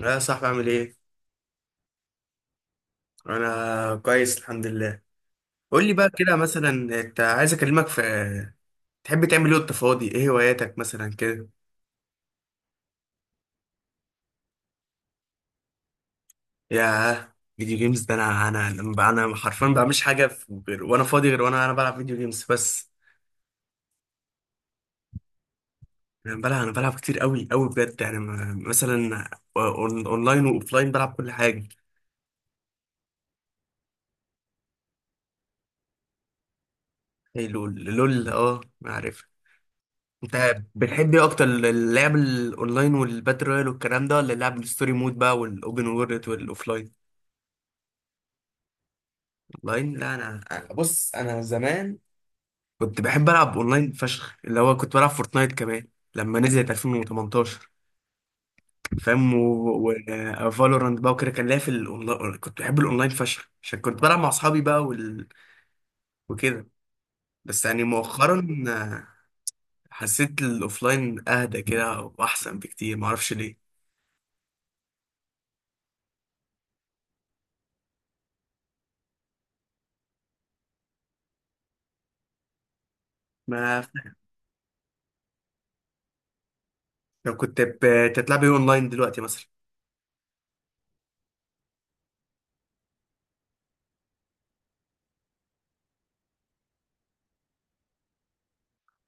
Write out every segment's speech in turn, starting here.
لا، يا صاحبي، عامل ايه؟ انا كويس، الحمد لله. قول لي بقى، كده مثلا انت عايز اكلمك في. تحب تعمل ايه وانت فاضي؟ ايه هواياتك مثلا كده؟ ياه، فيديو جيمز ده. انا انا حرفيا ما بعملش حاجه غير وانا فاضي، غير وانا انا بلعب فيديو جيمز بس. انا بلعب كتير قوي قوي بجد يعني، مثلا اونلاين واوفلاين بلعب كل حاجه. ايه لول لول، اه ما عارف. انت بتحب ايه اكتر، اللعب الاونلاين والباتل رويال والكلام ده، ولا اللعب الستوري مود بقى والاوبن وورلد والاوفلاين؟ اونلاين، لا انا. بص، انا زمان كنت بحب العب اونلاين فشخ، اللي هو كنت بلعب فورتنايت كمان لما نزلت 2018، فاهم؟ وفالورانت بقى وكده، كان ليا في الاونلاين، كنت بحب الاونلاين فشخ عشان كنت بلعب مع اصحابي بقى وكده. بس يعني مؤخرا، حسيت الاوفلاين اهدى كده واحسن بكتير، معرفش ليه. ما، لو كنت بتلعب ايه اونلاين دلوقتي مثلا؟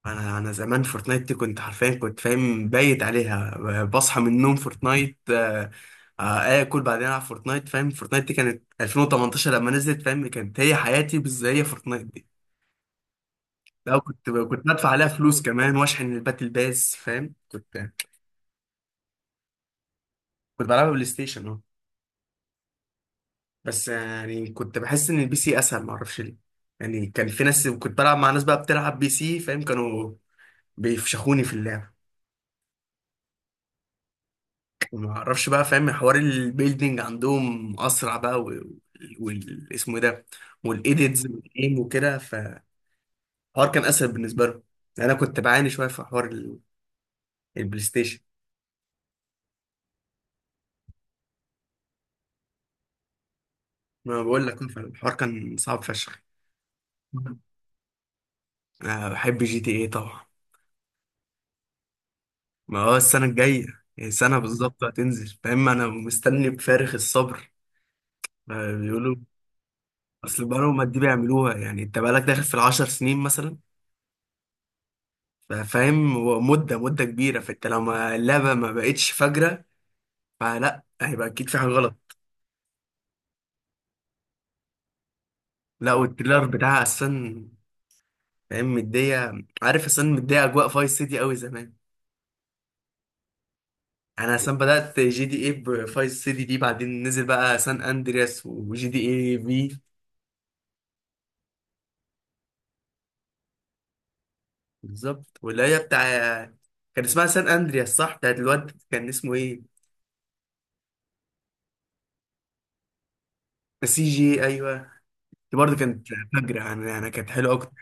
انا زمان فورتنايت دي كنت حرفيا كنت فاهم بايت عليها، بصحى من النوم فورتنايت، اكل، بعدين العب فورتنايت، فاهم؟ فورتنايت دي كانت 2018 لما نزلت، فاهم؟ كانت هي حياتي بس، هي فورتنايت دي. لا، كنت بدفع عليها فلوس كمان واشحن الباتل باس، فاهم؟ كنت بلعبها بلاي ستيشن، اه. بس يعني كنت بحس ان البي سي اسهل، ما اعرفش ليه. يعني كان في ناس، كنت بلعب مع ناس بقى بتلعب بي سي، فاهم؟ كانوا بيفشخوني في اللعب، وما اعرفش بقى، فاهم؟ حوار البيلدينج عندهم اسرع بقى، اسمه ايه ده، والايديتس والجيم وكده، فالحوار كان اسهل بالنسبه لهم. يعني انا كنت بعاني شويه في حوار البلاي ستيشن. ما بقول لك الحوار كان صعب فشخ. أنا بحب جي تي ايه طبعا. ما هو السنه الجايه، يعني سنه بالظبط هتنزل، فاهم؟ انا مستني بفارغ الصبر. بيقولوا اصل بقالهم قد ايه بيعملوها. يعني انت بقالك داخل في ال 10 سنين مثلا، فاهم؟ هو مدة مدة كبيرة، فانت لو اللعبة ما بقتش فجرة، فلا، هيبقى اكيد في حاجة غلط. لا، والتريلر بتاعها اصلا، فاهم؟ مدية، عارف؟ اصلا مدية اجواء فايس سيتي قوي زمان. انا اصلا بدأت جي دي ايه بفايس سيتي دي، بعدين نزل بقى سان اندرياس وجي دي ايه في، بالظبط. واللي هي بتاع، كان اسمها سان اندرياس صح؟ بتاعت الواد كان اسمه ايه، سي جي؟ ايوه، دي برضه كانت فجرة. انا كانت حلوة قوي.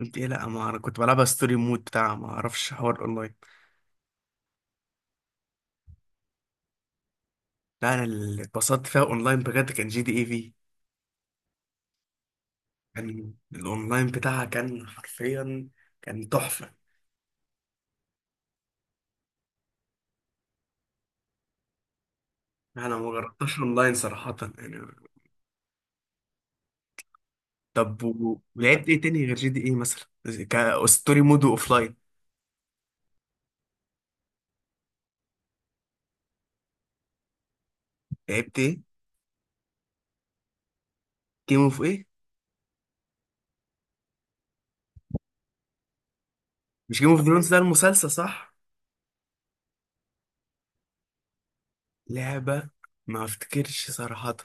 قلت ايه؟ لا ما انا كنت بلعبها ستوري مود بتاع، ما اعرفش حوار اونلاين. لا، انا اللي اتبسطت فيها اونلاين بجد كان جي دي اي في، كان الاونلاين بتاعها كان حرفيا كان تحفه. انا ما جربتش اونلاين صراحه، يعني. طب، ولعبت ايه تاني غير جي دي اي مثلا؟ كستوري مود واوفلاين. لعبت ايه؟ جيم اوف ايه؟ مش جيم اوف ثرونز ده المسلسل صح؟ لعبه؟ ما افتكرش صراحه.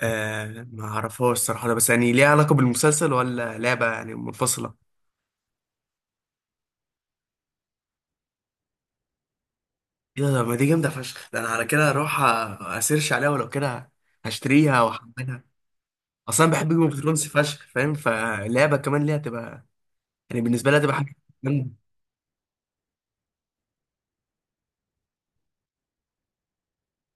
آه ما اعرفهاش صراحه، بس يعني ليها علاقه بالمسلسل، ولا لعبه يعني منفصله؟ ايه ده، ما دي جامده فشخ. ده انا على كده اروح اسيرش عليها، ولو كده هشتريها واحملها. اصلا بحب جيم اوف ثرونز فشخ، فاهم؟ فاللعبه كمان ليها تبقى، يعني بالنسبه لها تبقى حاجه جامده.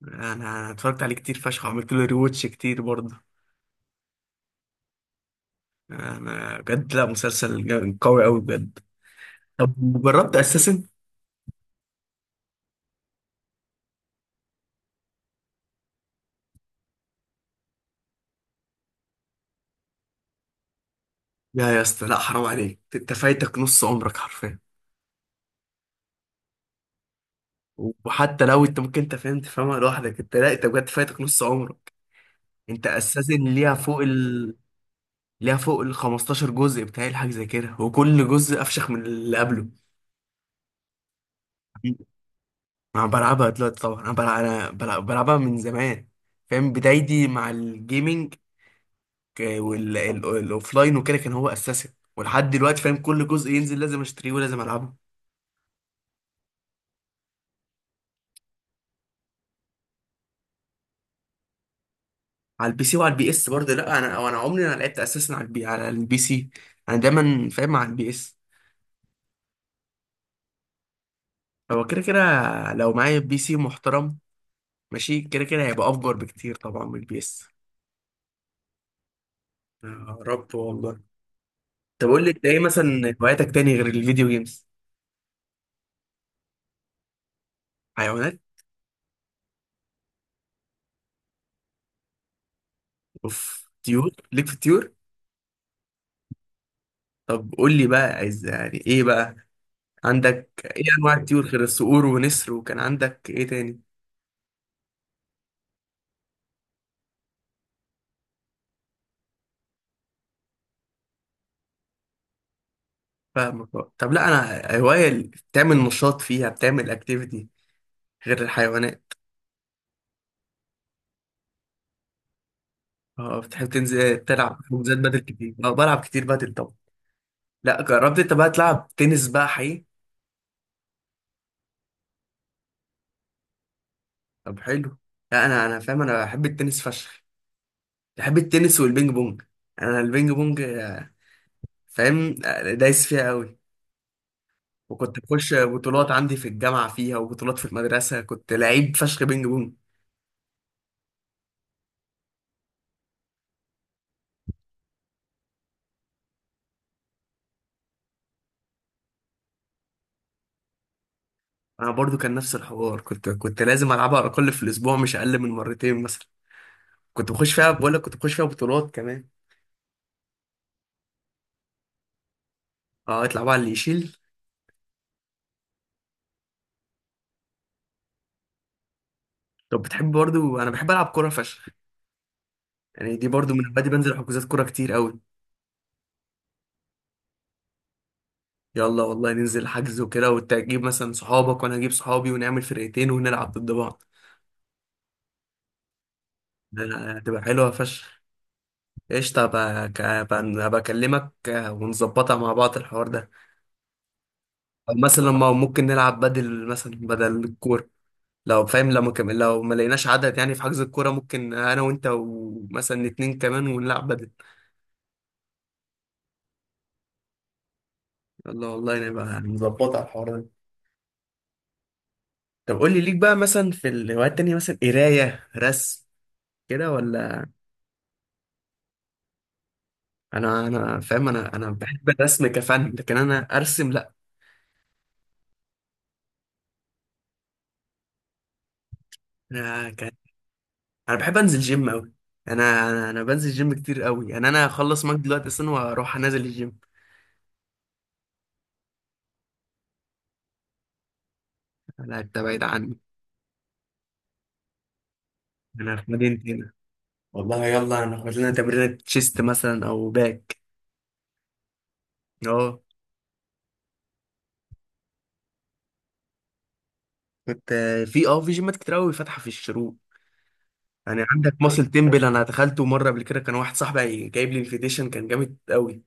انا اتفرجت عليه كتير فشخ، وعملت له ريواتش كتير برضه. انا بجد، لا مسلسل قوي قوي بجد. طب، جربت اساسن؟ لا يا اسطى، لا حرام عليك، انت فايتك نص عمرك حرفيا. وحتى لو انت ممكن انت فاهم تفهمها لوحدك، انت لا، انت بجد فايتك نص عمرك. انت اساسا ليها فوق ال 15 جزء بتاعي الحاجة زي كده، وكل جزء أفشخ من اللي قبله. أنا بلعبها دلوقتي طبعا، بلعبها من زمان، فاهم؟ بدايتي مع الجيمنج والأوفلاين وكده كان هو أساسي، ولحد دلوقتي فاهم كل جزء ينزل لازم أشتريه ولازم ألعبه. على البي سي وعلى البي اس برضه. لا، أنا عمري ما لعبت أساسا على البي سي، أنا دايما فاهم على البي اس. هو كده كده لو معايا بي سي محترم ماشي، كده كده هيبقى أفجر بكتير طبعا من البي اس. يا رب والله. طب قول لي انت، ايه مثلا هواياتك تاني غير الفيديو جيمز؟ حيوانات. اوف، طيور، ليك في الطيور. طب قول لي بقى، عايز يعني ايه بقى، عندك ايه انواع الطيور غير الصقور ونسر، وكان عندك ايه تاني؟ فاهمك بقى. طب لا، انا هواية اللي بتعمل نشاط فيها، بتعمل اكتيفيتي غير الحيوانات. اه بتحب تنزل تلعب حجوزات بدل كتير؟ اه بلعب كتير بدل طبعا. لا جربت انت بقى تلعب تنس بقى حقيقي؟ طب حلو. لا، انا فاهم، انا بحب التنس فشخ، بحب التنس والبينج بونج. انا البينج بونج، فاهم؟ دايس فيها قوي، وكنت بخش بطولات عندي في الجامعة فيها، وبطولات في المدرسة، كنت لعيب فشخ بينج بونج. أنا برضو كان نفس الحوار، كنت لازم ألعبها على الأقل في الأسبوع مش أقل من مرتين مثلا. كنت بخش فيها، بقول لك كنت بخش فيها بطولات كمان. اه اطلع بقى اللي يشيل. طب بتحب برضو، أنا بحب ألعب كورة فشخ، يعني دي برضو من بدري بنزل حجوزات كورة كتير قوي. يلا والله، ننزل حجز وكده، وتجيب مثلا صحابك وأنا أجيب صحابي، ونعمل فرقتين ونلعب ضد بعض. ده هتبقى حلوة فشخ. قشطة. بقى بكلمك ونظبطها مع بعض الحوار ده. أو مثلا، ما ممكن نلعب بدل مثلا بدل الكورة، لو فاهم لو ما كم... لو ما لقيناش عدد، يعني في حجز الكورة، ممكن أنا وأنت ومثلا اتنين كمان ونلعب بدل. يلا والله، نبقى نظبطها الحوار ده. طب قول لي، ليك بقى مثلا في الهوايات التانية مثلا، قراية، رسم كده، ولا؟ أنا فاهم، أنا بحب الرسم كفن لكن أنا أرسم، لأ. أنا بحب انزل جيم قوي. انا بنزل جيم كتير قوي، يعني انا هخلص معاك دلوقتي اصلا واروح انزل الجيم. انا، انت بعيد عني. انا في مدينتي هنا، والله. يلا ناخد لنا تمرينة تشيست مثلا او باك. اه كنت في في جيمات كتير قوي فاتحه في الشروق. يعني عندك ماسل تمبل، انا دخلته مره قبل كده، كان واحد صاحبي جايب لي انفيتيشن، كان جامد قوي.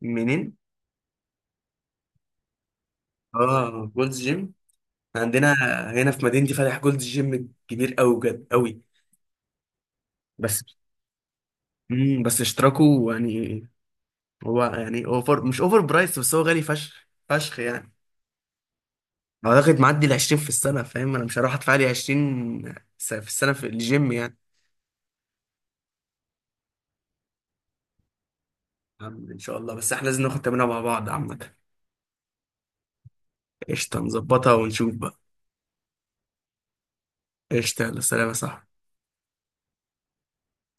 منين؟ اه جولدز جيم، عندنا هنا في مدينتي فاتح جولدز جيم كبير قوي بجد قوي. بس بس اشتراكه يعني، هو يعني اوفر، مش اوفر برايس، بس هو غالي فشخ فشخ يعني. اعتقد معدي ال 20 في السنه، فاهم؟ انا مش هروح ادفع لي 20 في السنه في الجيم يعني. يا عم ان شاء الله، بس احنا لازم ناخد تمرينه مع بعض عامه. قشطه، نظبطها ونشوف بقى. قشطه، يلا سلام يا صاحبي.